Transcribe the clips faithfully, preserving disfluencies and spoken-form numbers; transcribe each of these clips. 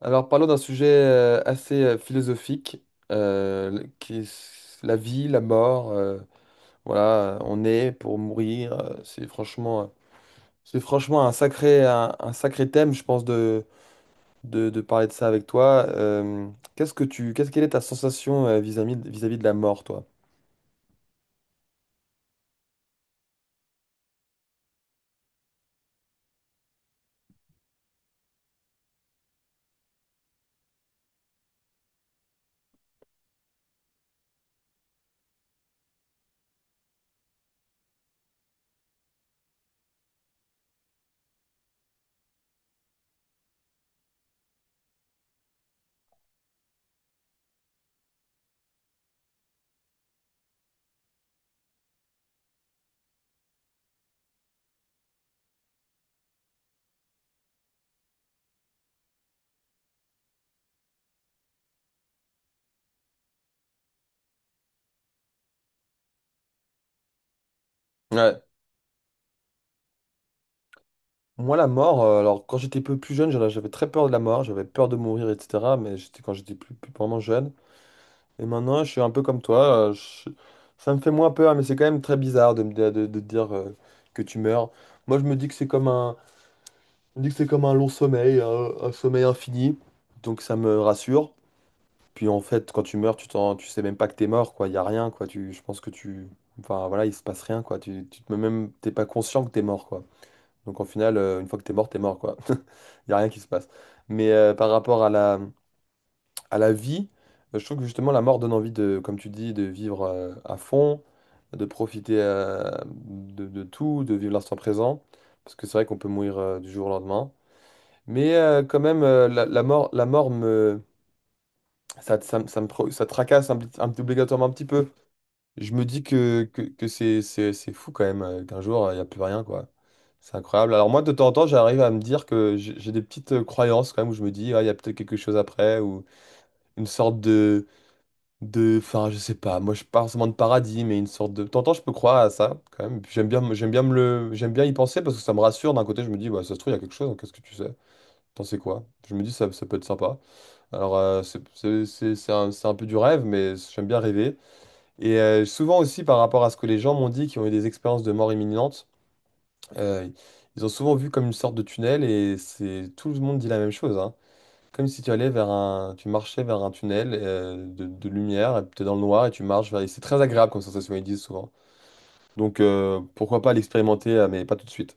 Alors parlons d'un sujet euh, assez euh, philosophique, euh, qui est s- la vie, la mort. Euh, voilà, euh, on est pour mourir. Euh, c'est franchement, euh, c'est franchement un sacré, un, un sacré thème, je pense, de, de, de parler de ça avec toi. Euh, qu'est-ce que tu, qu'est-ce quelle est ta sensation euh, vis-à-vis, de- vis-à-vis de la mort, toi? Ouais. Moi, la mort, euh, alors quand j'étais peu plus jeune, j'en- j'avais très peur de la mort, j'avais peur de mourir, et cætera. Mais j'étais, quand j'étais plus, plus vraiment jeune. Et maintenant, je suis un peu comme toi. euh, je- Ça me fait moins peur, mais c'est quand même très bizarre de me de, de- de dire euh, que tu meurs. Moi, je me dis que c'est comme un, je me dis que c'est comme un long sommeil, un, un sommeil infini. Donc ça me rassure. Puis en fait, quand tu meurs, tu t'en, tu sais même pas que t'es mort, quoi. Il y a rien, quoi. Tu, je pense que tu, enfin voilà, il se passe rien, quoi. Tu, tu te- même, t'es pas conscient que t'es mort, quoi. Donc au final, euh, une fois que t'es mort, t'es mort, quoi. Il y a rien qui se passe. Mais euh, par rapport à la à la vie, euh, je trouve que justement la mort donne envie de, comme tu dis, de vivre euh, à fond, de profiter euh, de, de tout, de vivre l'instant présent, parce que c'est vrai qu'on peut mourir euh, du jour au lendemain. Mais euh, quand même, euh, la, la mort, la mort me, ça, ça, me- ça me, pro- ça tracasse un, petit- un petit- obligatoirement un petit peu. Je me dis que, que, que c'est, c'est, c'est fou quand même, euh, qu'un jour, il n'y a plus rien, quoi. C'est incroyable. Alors moi, de temps en temps, j'arrive à me dire que j'ai j'ai des petites euh, croyances quand même, où je me dis, ah, il y a peut-être quelque chose après, ou une sorte de de, enfin, je sais pas, moi je parle pas forcément de paradis, mais une sorte de. T'entends, je peux croire à ça, quand même. Puis J'aime bien, me- j'aime bien me le, j'aime bien y penser parce que ça me rassure. D'un côté, je me dis, ouais, ça se trouve, il y a quelque chose, hein, qu'est-ce que tu sais? T'en sais quoi? Je me dis, ça, ça peut être sympa. Alors, euh, c'est c'est- c'est- c'est un, c'est un peu du rêve, mais j'aime bien rêver. Et euh, souvent aussi, par rapport à ce que les gens m'ont dit, qui ont eu des expériences de mort imminente, euh, ils ont souvent vu comme une sorte de tunnel et c'est tout le monde dit la même chose, hein. Comme si tu allais vers un, tu marchais vers un tunnel euh, de, de lumière, tu es dans le noir et tu marches vers. Et c'est très agréable comme sensation, ils disent souvent. Donc euh, pourquoi pas l'expérimenter, euh, mais pas tout de suite.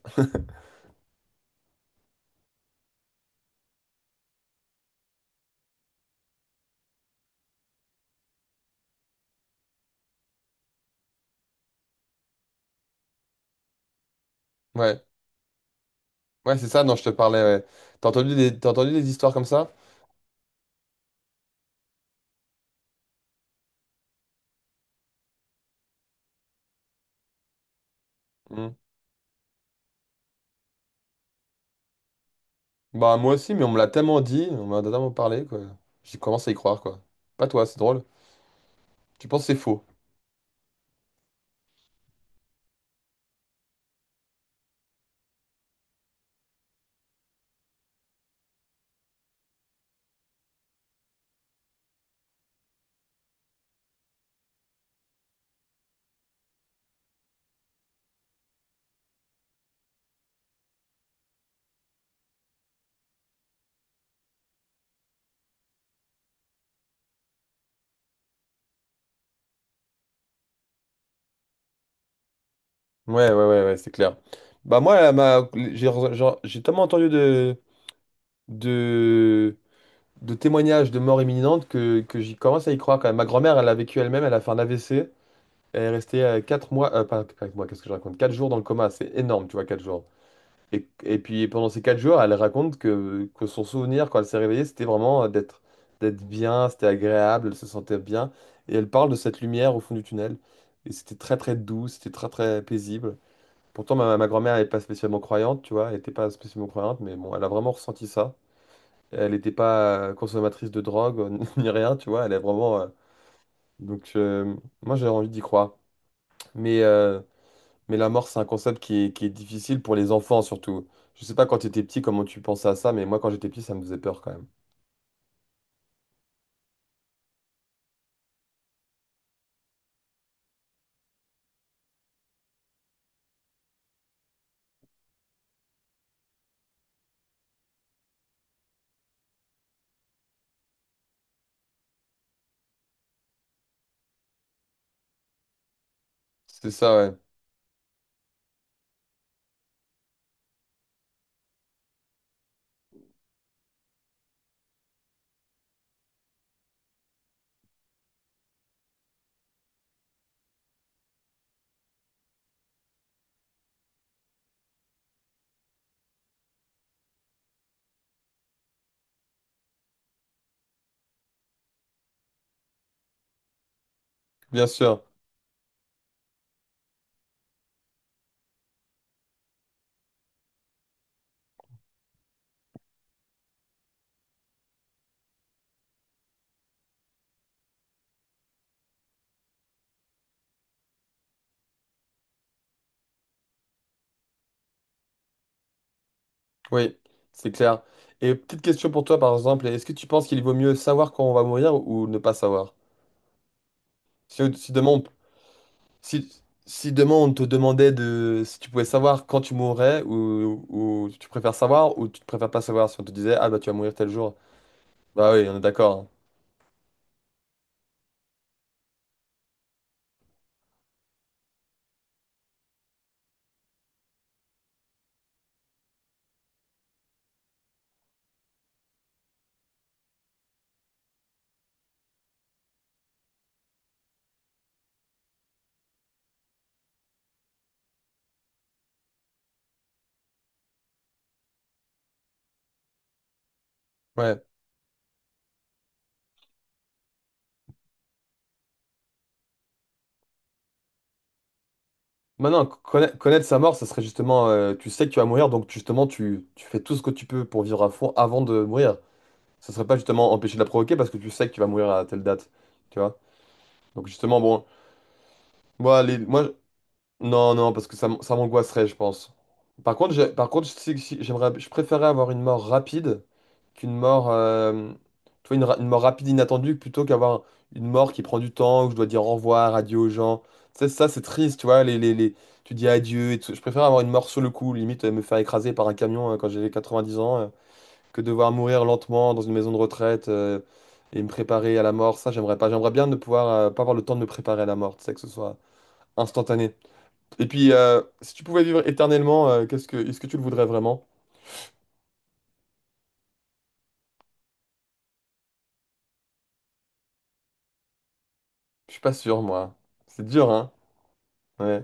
Ouais, ouais, c'est ça. Non, je te parlais. Ouais. T'as entendu des, t'as entendu des histoires comme ça? Hmm. Bah moi aussi, mais on me l'a tellement dit, on m'a tellement parlé, quoi. J'y commence à y croire, quoi. Pas toi, c'est drôle. Tu penses que c'est faux? Ouais, ouais, ouais, ouais, c'est clair. Bah moi, ma, j'ai, j'ai j'ai tellement entendu de, de de témoignages de mort imminente que, que j'y commence à y croire quand même. Ma grand-mère, elle a vécu elle-même, elle a fait un A V C, et elle est restée euh, quatre mois, euh, pas quatre mois, qu'est-ce que je raconte? Quatre jours dans le coma, c'est énorme, tu vois, quatre jours. Et, et puis pendant ces quatre jours, elle raconte que, que son souvenir, quand elle s'est réveillée, c'était vraiment euh, d'être d'être bien, c'était agréable, elle se sentait bien. Et elle parle de cette lumière au fond du tunnel. Et c'était très très doux, c'était très très paisible. Pourtant, ma, ma grand-mère n'est pas spécialement croyante, tu vois, elle n'était pas spécialement croyante, mais bon, elle a vraiment ressenti ça. Elle n'était pas euh, consommatrice de drogue ni rien, tu vois. Elle est vraiment. euh, Donc, euh, moi, j'ai envie d'y croire. Mais, euh, mais la mort, c'est un concept qui est, qui est difficile pour les enfants, surtout. Je sais pas quand tu étais petit comment tu pensais à ça, mais moi, quand j'étais petit, ça me faisait peur quand même. C'est ça, ouais. Bien sûr. Oui, c'est clair. Et petite question pour toi, par exemple, est-ce que tu penses qu'il vaut mieux savoir quand on va mourir ou ne pas savoir? Si, si demain on Si, si demain on te demandait de si tu pouvais savoir quand tu mourrais ou, ou tu préfères savoir ou tu préfères pas savoir, si on te disait, ah bah tu vas mourir tel jour, bah oui, on est d'accord. Hein. Ouais. Maintenant, conna- connaître sa mort, ça serait justement euh, tu sais que tu vas mourir donc justement tu, tu fais tout ce que tu peux pour vivre à fond avant de mourir. Ça serait pas justement empêcher de la provoquer parce que tu sais que tu vas mourir à telle date, tu vois. Donc justement bon, moi les moi Non, non, parce que ça, m- ça m'angoisserait, je pense. Par contre, j'ai- par contre, je sais que si- j'aimerais, je préférerais avoir une mort rapide qu'une mort, euh, tu vois, une, ra- une mort rapide inattendue plutôt qu'avoir une mort qui prend du temps où je dois dire au revoir, adieu aux gens. Tu sais, ça, c'est triste, tu vois. Les, les, les- tu dis adieu et tout. Je préfère avoir une mort sur le coup, limite euh, me faire écraser par un camion euh, quand j'ai quatre-vingt-dix ans, euh, que devoir mourir lentement dans une maison de retraite, euh, et me préparer à la mort. Ça, j'aimerais pas. J'aimerais bien ne pouvoir euh, pas avoir le temps de me préparer à la mort, tu sais, que ce soit instantané. Et puis, euh, si tu pouvais vivre éternellement, euh, qu'est-ce que, est-ce que tu le voudrais vraiment? Je suis pas sûr, moi. C'est dur, hein? Ouais.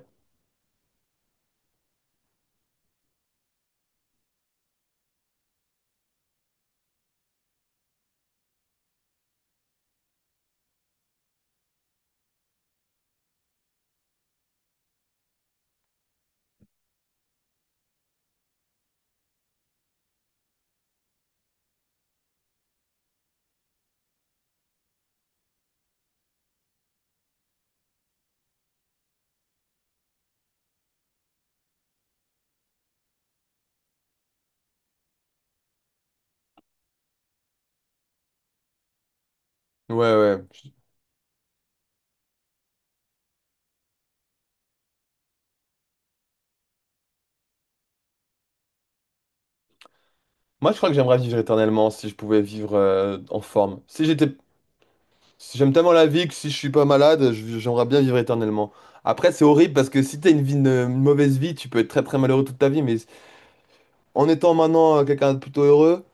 Ouais, ouais. Je- Moi, je crois que j'aimerais vivre éternellement si je pouvais vivre euh, en forme. Si j'étais... si j'aime tellement la vie que si je suis pas malade, je- j'aimerais bien vivre éternellement. Après, c'est horrible parce que si t'as une vie, une, une mauvaise vie, tu peux être très très malheureux toute ta vie. Mais en étant maintenant euh, quelqu'un de plutôt heureux,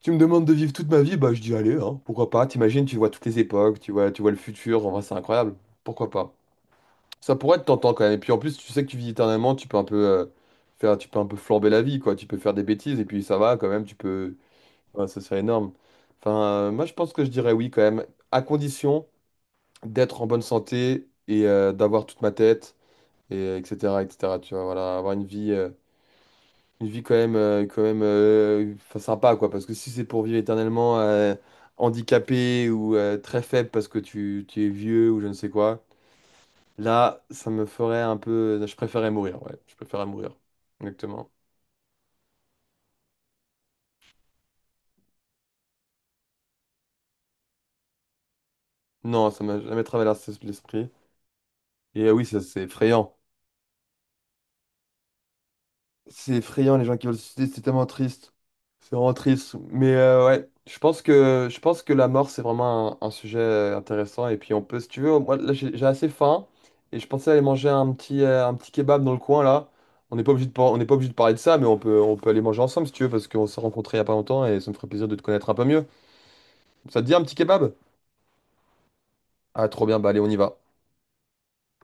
tu me demandes de vivre toute ma vie, bah je dis allez, hein, pourquoi pas? T'imagines, tu vois toutes les époques, tu vois, tu vois le futur, en vrai, c'est incroyable. Pourquoi pas? Ça pourrait être tentant quand même. Et puis en plus, tu sais que tu vis éternellement, tu peux un peu euh, faire, tu peux un peu flamber la vie, quoi. Tu peux faire des bêtises et puis ça va quand même. Tu peux, ouais, ça serait énorme. Enfin, euh, moi je pense que je dirais oui quand même, à condition d'être en bonne santé et euh, d'avoir toute ma tête et euh, et cætera et cætera. Tu vois, voilà, avoir une vie, euh, une vie quand même, euh, quand même, euh, enfin, sympa, quoi. Parce que si c'est pour vivre éternellement euh, handicapé ou euh, très faible parce que tu, tu es vieux ou je ne sais quoi. Là, ça me ferait un peu. Je préférais mourir, ouais. Je préférais mourir. Exactement. Non, ça m'a jamais traversé l'esprit. Et euh, oui, ça, c'est effrayant. C'est effrayant, les gens qui veulent se suicider, c'est tellement triste. C'est vraiment triste. Mais euh, ouais, je pense que, je pense que la mort, c'est vraiment un, un sujet euh, intéressant. Et puis, on peut, si tu veux, moi, là, j'ai j'ai assez faim. Et je pensais aller manger un petit, euh, un petit kebab dans le coin, là. On n'est pas obligé de, par- on n'est pas obligé de parler de ça, mais on peut, on peut aller manger ensemble, si tu veux, parce qu'on s'est rencontrés il y a pas longtemps et ça me ferait plaisir de te connaître un peu mieux. Ça te dit un petit kebab? Ah, trop bien, bah allez, on y va.